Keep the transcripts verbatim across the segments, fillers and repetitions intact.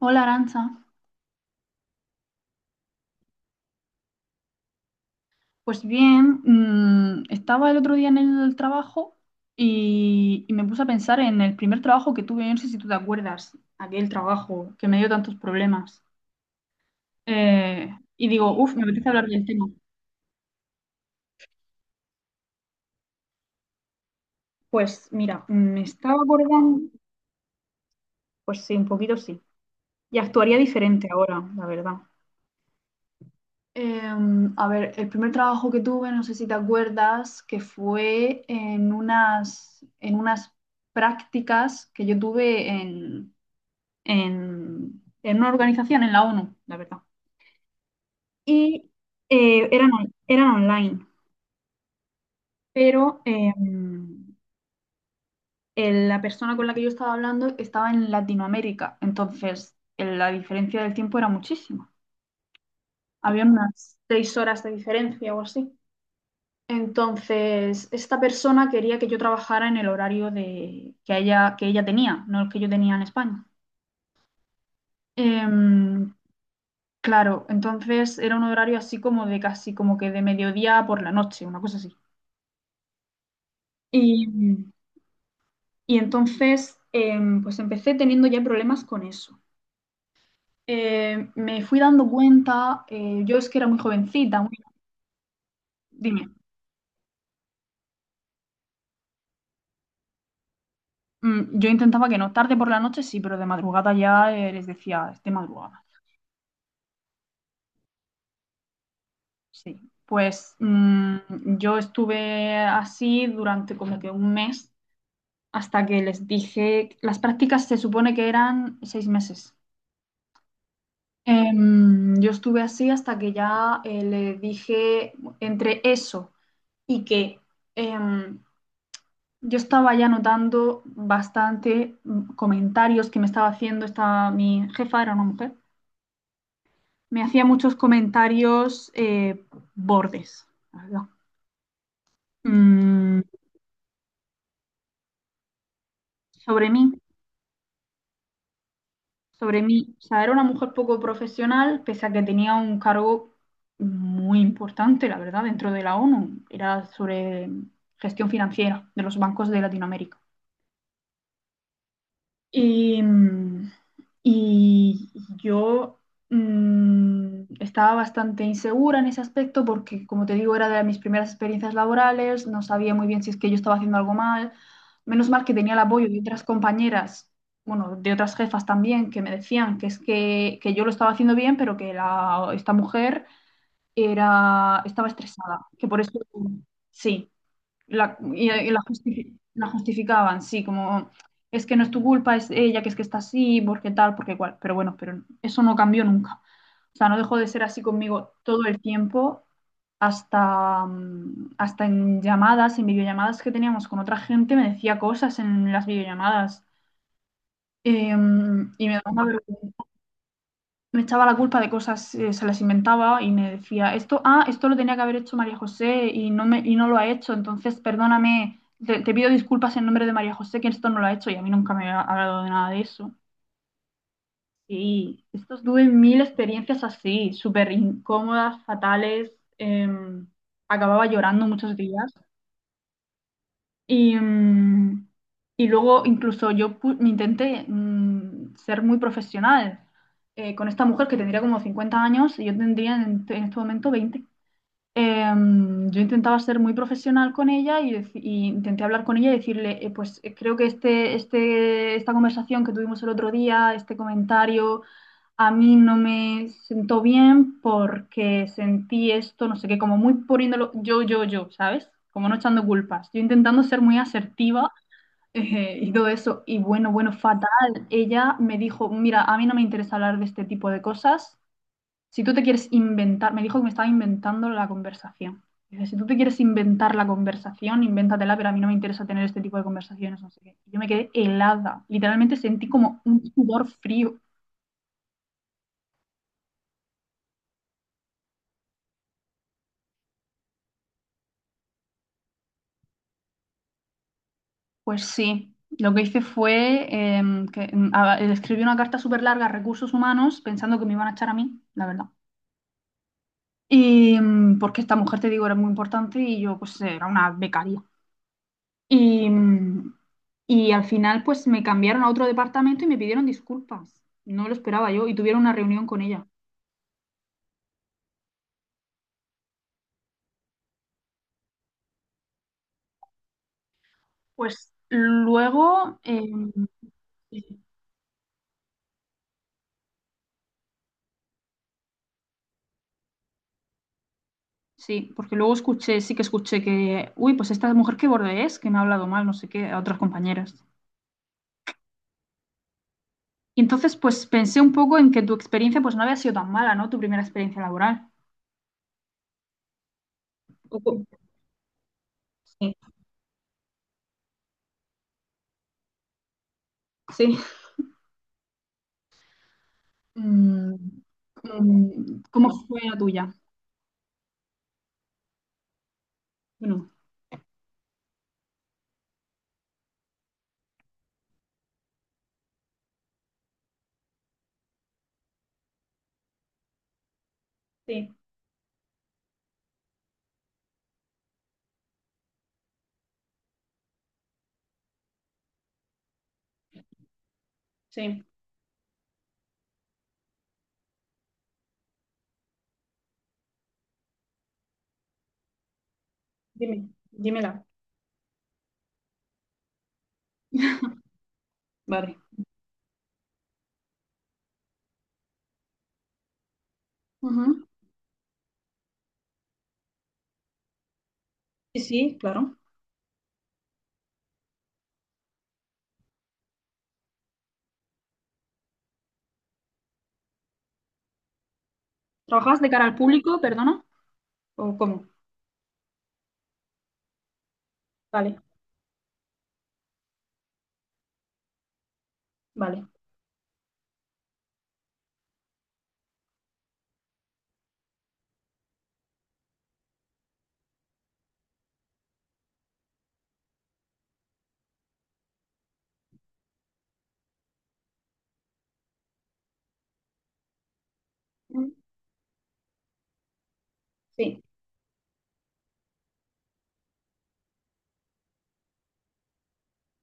Hola, Aranza. Pues bien, mm, estaba el otro día en el trabajo y, y me puse a pensar en el primer trabajo que tuve, no sé si tú te acuerdas, aquel trabajo que me dio tantos problemas. Eh, y digo, uff, me apetece hablar del tema. Pues mira, mm, me estaba acordando. Pues sí, un poquito sí, y actuaría diferente ahora, la verdad. Em, a ver, el primer trabajo que tuve, no sé si te acuerdas, que fue en unas, en unas prácticas que yo tuve en en, en una organización, en la O N U, la verdad. Y eh, eran, on- eran online, pero eh, el- la persona con la que yo estaba hablando estaba en Latinoamérica, entonces el- la diferencia del tiempo era muchísima. Había unas seis horas de diferencia o así. Entonces, esta persona quería que yo trabajara en el horario de, que, ella, que ella tenía, no el que yo tenía en España. Em, Claro, entonces era un horario así como de casi como que de mediodía por la noche, una cosa así. Y, y entonces em, pues empecé teniendo ya problemas con eso. Eh, me fui dando cuenta, eh, yo es que era muy jovencita, muy- dime. Mm, yo intentaba que no, tarde por la noche sí, pero de madrugada ya eh, les decía, es de madrugada, sí. Pues mm, yo estuve así durante como que un mes hasta que les dije, las prácticas se supone que eran seis meses. Em, yo estuve así hasta que ya eh, le dije, entre eso y que em, yo estaba ya notando bastante mm, comentarios que me estaba haciendo esta, mi jefa era una mujer, me hacía muchos comentarios eh, bordes, la verdad, mm, sobre mí. Sobre mí. O sea, era una mujer poco profesional, pese a que tenía un cargo muy importante, la verdad, dentro de la O N U. Era sobre gestión financiera de los bancos de Latinoamérica. Y mm, y yo mm, estaba bastante insegura en ese aspecto porque, como te digo, era de mis primeras experiencias laborales, no sabía muy bien si es que yo estaba haciendo algo mal. Menos mal que tenía el apoyo de otras compañeras, bueno, de otras jefas también, que me decían que es que, que yo lo estaba haciendo bien, pero que la, esta mujer era, estaba estresada, que por eso sí. La, y, y la, justifi- la justificaban, sí, como es que no es tu culpa, es ella, que es que está así, porque tal, porque cual. Pero bueno, pero eso no cambió nunca. O sea, no dejó de ser así conmigo todo el tiempo, hasta, mm, hasta en llamadas, en videollamadas que teníamos con otra gente, me decía cosas en las videollamadas. Em, y me daba una vergüenza. Me echaba la culpa de cosas, eh, se las inventaba y me decía, esto, ah, esto lo tenía que haber hecho María José y no me, y no lo ha hecho, entonces perdóname, te, te pido disculpas en nombre de María José, que esto no lo ha hecho y a mí nunca me ha hablado de nada de eso. Sí, estos tuve mil experiencias así, súper incómodas, fatales, em, acababa llorando muchos días. Y, mm, y luego incluso yo pu- intenté mm, ser muy profesional eh, con esta mujer que tendría como cincuenta años y yo tendría en, en este momento veinte. Em, yo intentaba ser muy profesional con ella y, deci- y intenté hablar con ella y decirle, eh, pues eh, creo que este, este, esta conversación que tuvimos el otro día, este comentario a mí no me sentó bien porque sentí esto, no sé qué, como muy poniéndolo yo, yo, yo, ¿sabes? Como no echando culpas. Yo intentando ser muy asertiva eh, y todo eso. Y bueno, bueno, fatal. Ella me dijo, mira, a mí no me interesa hablar de este tipo de cosas. Si tú te quieres inventar, me dijo que me estaba inventando la conversación. Dice, si tú te quieres inventar la conversación, invéntatela, pero a mí no me interesa tener este tipo de conversaciones, no sé qué. Y yo me quedé helada. Literalmente sentí como un sudor frío. Pues sí, lo que hice fue em, que em, a- eh, escribí una carta súper larga a recursos humanos pensando que me iban a echar a mí, la verdad. Y em, porque esta mujer, te digo, era muy importante y yo pues era una becaria. Y, em, y al final pues me cambiaron a otro departamento y me pidieron disculpas. No lo esperaba yo, y tuvieron una reunión con ella. Pues luego, em, sí, porque luego escuché, sí que escuché que, uy, pues esta mujer qué borde es, que me ha hablado mal, no sé qué, a otras compañeras. Y entonces, pues pensé un poco en que tu experiencia pues no había sido tan mala, ¿no? Tu primera experiencia laboral. Un poco, sí, sí. Mm, mm, ¿cómo fue la tuya? Bueno, sí, sí. Dime, dímela. Vale. Ujú. Sí, sí, claro. ¿Trabajas de cara al público, perdona? ¿O cómo? Vale, vale. Mm, sí,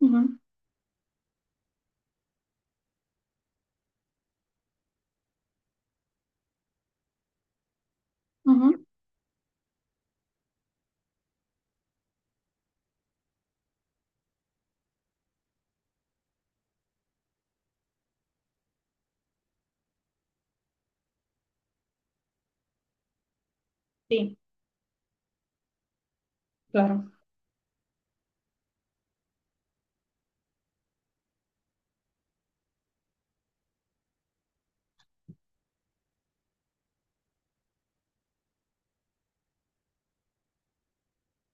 ujú, ujú, sí, claro.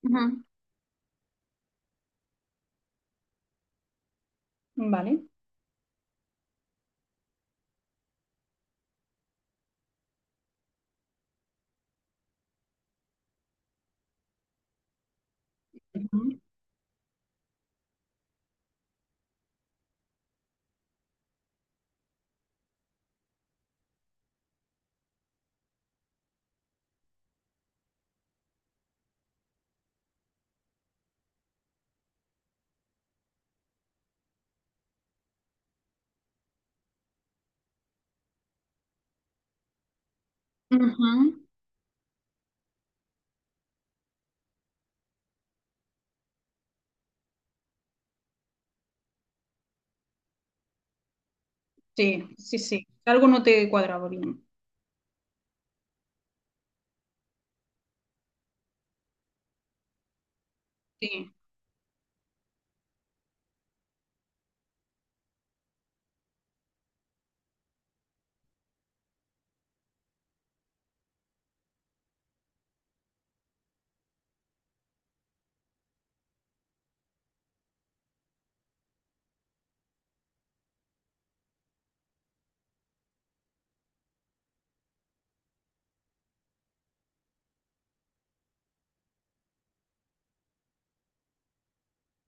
Ujú, vale. Ujú, ujú. Sí, sí, sí. Algo no te cuadraba bien. Sí.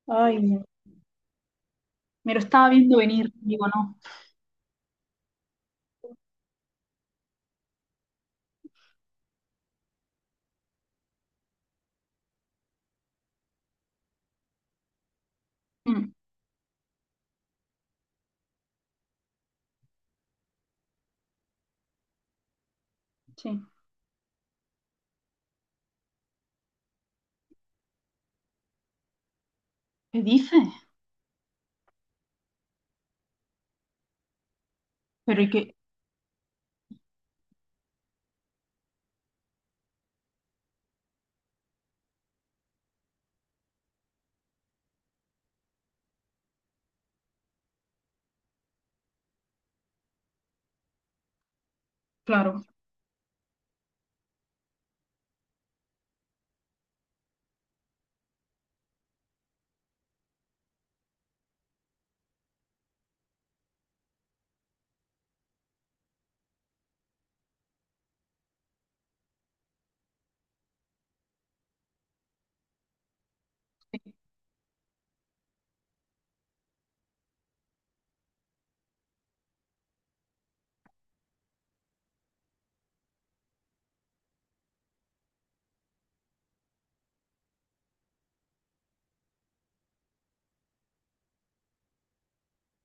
Ay, me lo estaba viendo venir, digo, no. Mm, sí. ¿Qué dices? Pero y que, claro, sí,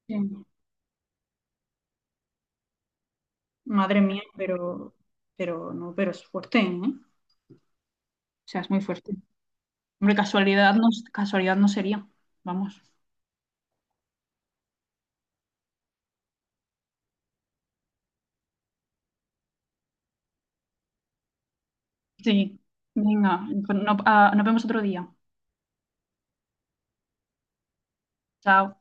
sí. Madre mía, pero, pero no, pero es fuerte, ¿eh? O sea, es muy fuerte. Hombre, casualidad no, casualidad no sería. Vamos. Sí. Venga, no, no, ah, nos vemos otro día. Chao.